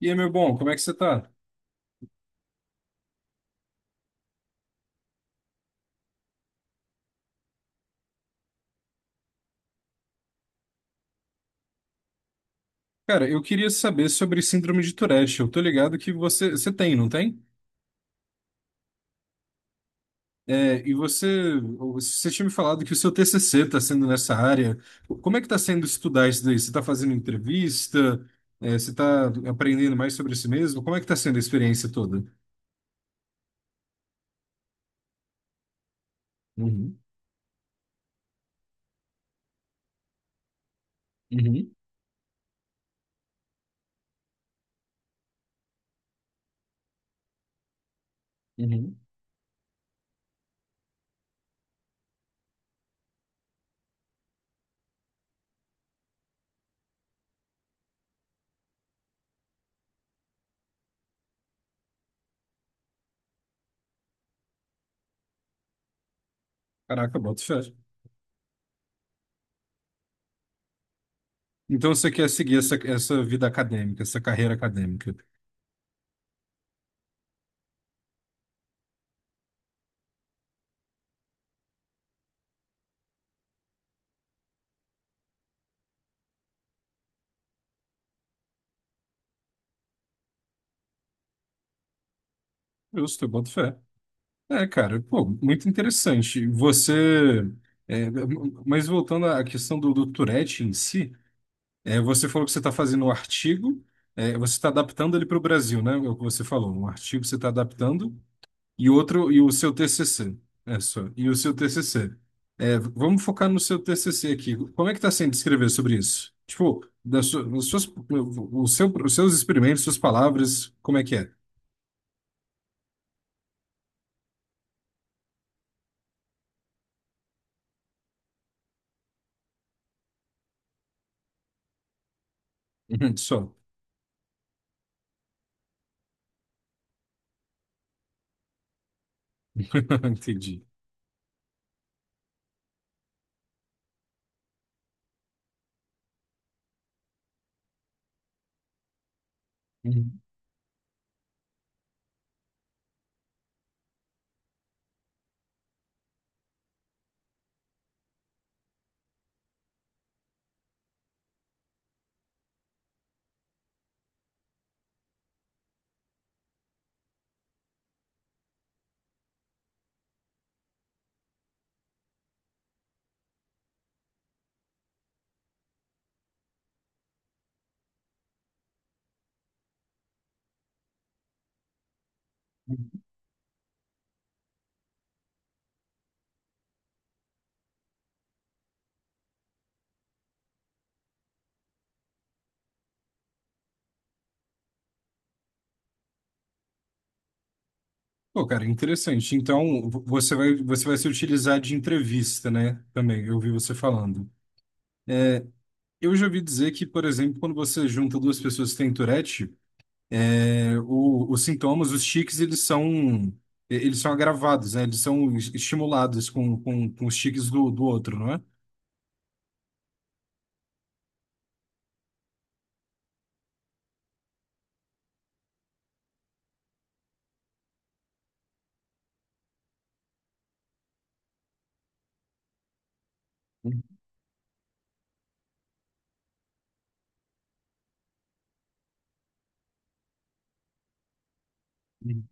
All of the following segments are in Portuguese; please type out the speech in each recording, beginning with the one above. E aí, meu bom, como é que você tá? Cara, eu queria saber sobre síndrome de Tourette. Eu tô ligado que você tem, não tem? É, e você tinha me falado que o seu TCC está sendo nessa área. Como é que está sendo estudar isso daí? Você está fazendo entrevista? É, você está aprendendo mais sobre si mesmo? Como é que está sendo a experiência toda? Uhum. Uhum. Uhum. Caraca, boto fé. Então você quer seguir essa, essa vida acadêmica, essa carreira acadêmica. Justo, eu boto fé. É, cara, pô, muito interessante. Você. é, mas voltando à questão do, do Tourette em si, é, você falou que você está fazendo um artigo, é, você está adaptando ele para o Brasil, né? É o que você falou. Um artigo você está adaptando. E outro, e o seu TCC. É só. E o seu TCC. É, vamos focar no seu TCC aqui. Como é que está sendo escrever sobre isso? Tipo, as suas, o seu, os seus experimentos, suas palavras, como é que é? Uhum. Só. Entendi. Uhum. Pô, cara, interessante. Então, você vai se utilizar de entrevista, né? Também, eu ouvi você falando. Eu já ouvi dizer que, por exemplo, quando você junta duas pessoas que têm Tourette, os sintomas, os tiques, eles são agravados, né? Eles são estimulados com os tiques do, do outro, não é? Uhum.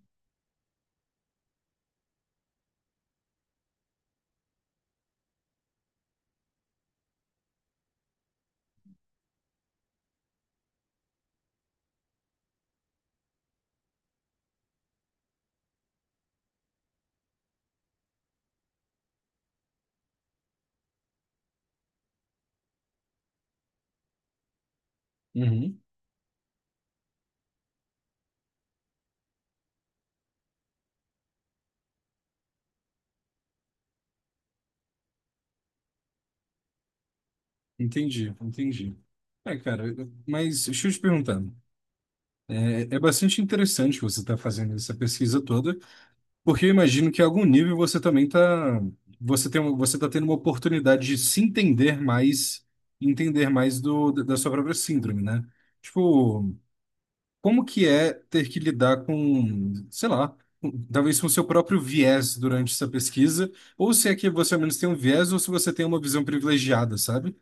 Uhum. Entendi, entendi. É, cara, mas deixa eu te perguntar. É, é bastante interessante você estar fazendo essa pesquisa toda, porque eu imagino que a algum nível você também tá, você você tá tendo uma oportunidade de se entender mais, entender mais do, da sua própria síndrome, né? Tipo, como que é ter que lidar com, sei lá, talvez com o seu próprio viés durante essa pesquisa, ou se é que você ao menos tem um viés, ou se você tem uma visão privilegiada, sabe?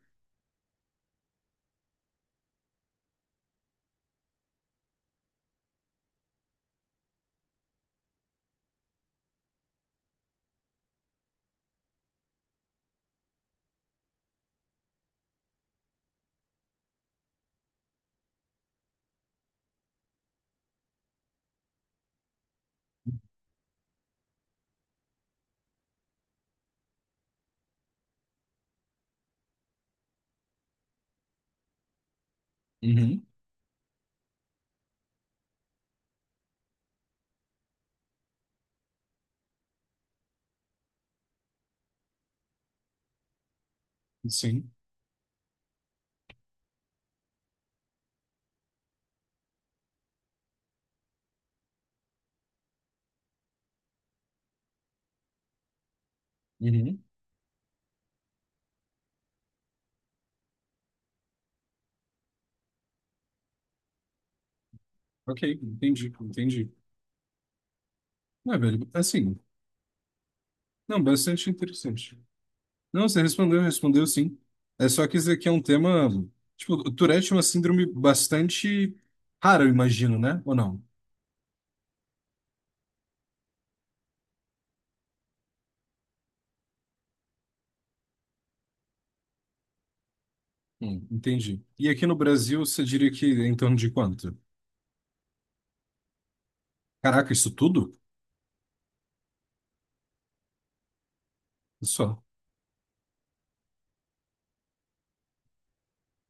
Uhum, sim. Uhum. Ok, entendi, entendi. Não, velho, assim, não, bastante interessante. Não, você respondeu, respondeu sim. É só que isso aqui é um tema, tipo, o Tourette é uma síndrome bastante rara, eu imagino, né? Ou não? Entendi. E aqui no Brasil, você diria que é em torno de quanto? Caraca, isso tudo? Só,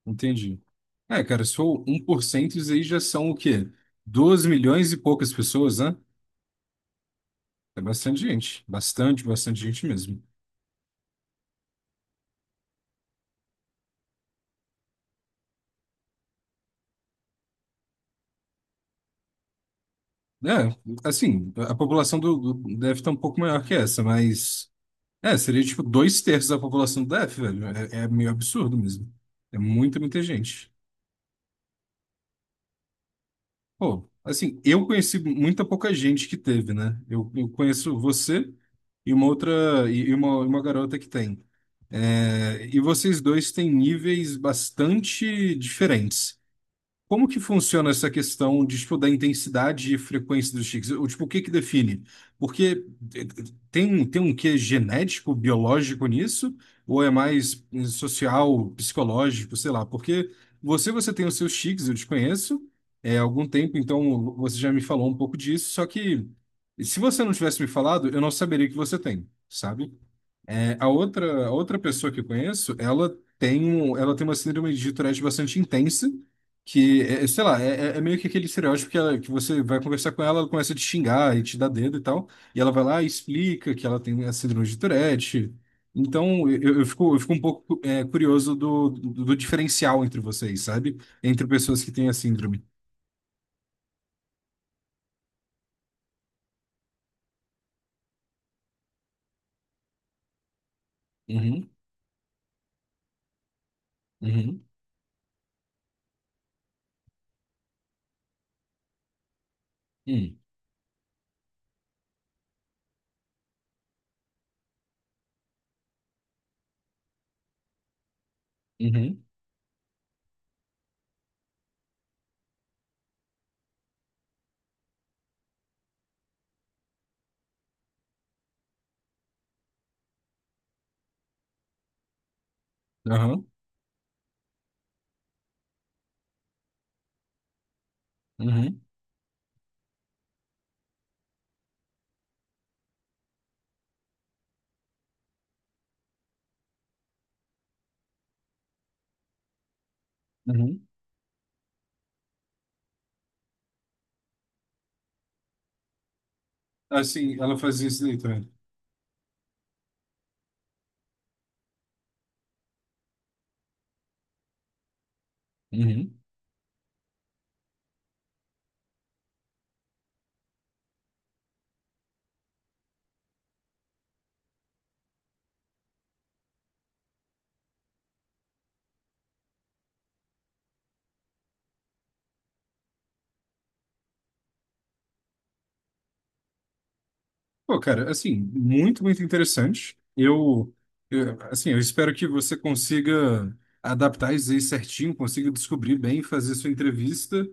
entendi. É, cara, se for um por cento isso aí já são o quê? 12 milhões e poucas pessoas, né? É bastante gente. Bastante, bastante gente mesmo. É, assim, a população do, do DF tá um pouco maior que essa, mas. É, seria tipo dois terços da população do DF, velho. É, é meio absurdo mesmo. É muita, muita gente. Pô, assim, eu conheci muita pouca gente que teve, né? Eu conheço você e uma outra. E uma garota que tem. É, e vocês dois têm níveis bastante diferentes. Como que funciona essa questão de, tipo, da intensidade e frequência dos tiques? Ou, tipo, o que que define? Porque eh, tem, tem um quê genético, biológico nisso? Ou é mais social, psicológico, sei lá? Porque você tem os seus tiques, eu te conheço, é, há algum tempo, então você já me falou um pouco disso, só que se você não tivesse me falado, eu não saberia que você tem, sabe? É, a outra pessoa que eu conheço, ela ela tem uma síndrome de Tourette bastante intensa, que, é, é, sei lá, é, é meio que aquele estereótipo que, que você vai conversar com ela, ela começa a te xingar e te dar dedo e tal, e ela vai lá e explica que ela tem a síndrome de Tourette. Então, eu fico um pouco, é, curioso do, do, do diferencial entre vocês, sabe? Entre pessoas que têm a síndrome. Uhum, uhum, uhum, uhum, aham, uhum, uhum. Assim, ela fazia isso daí também. Uhum. Pô, cara, assim, muito, muito interessante. Eu, assim, eu espero que você consiga adaptar isso aí certinho, consiga descobrir bem, fazer sua entrevista.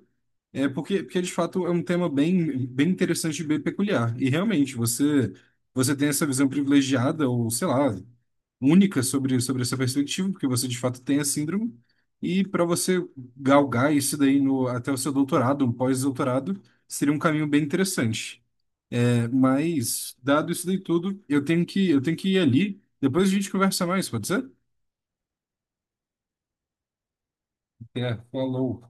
É porque, porque de fato é um tema bem, bem interessante e bem peculiar. E realmente, você, você tem essa visão privilegiada ou, sei lá, única sobre, sobre essa perspectiva, porque você de fato tem a síndrome. E para você galgar isso daí no, até o seu doutorado, um pós-doutorado, seria um caminho bem interessante. Mas, dado isso daí tudo, eu tenho que ir ali. Depois a gente conversa mais, pode ser? É, falou.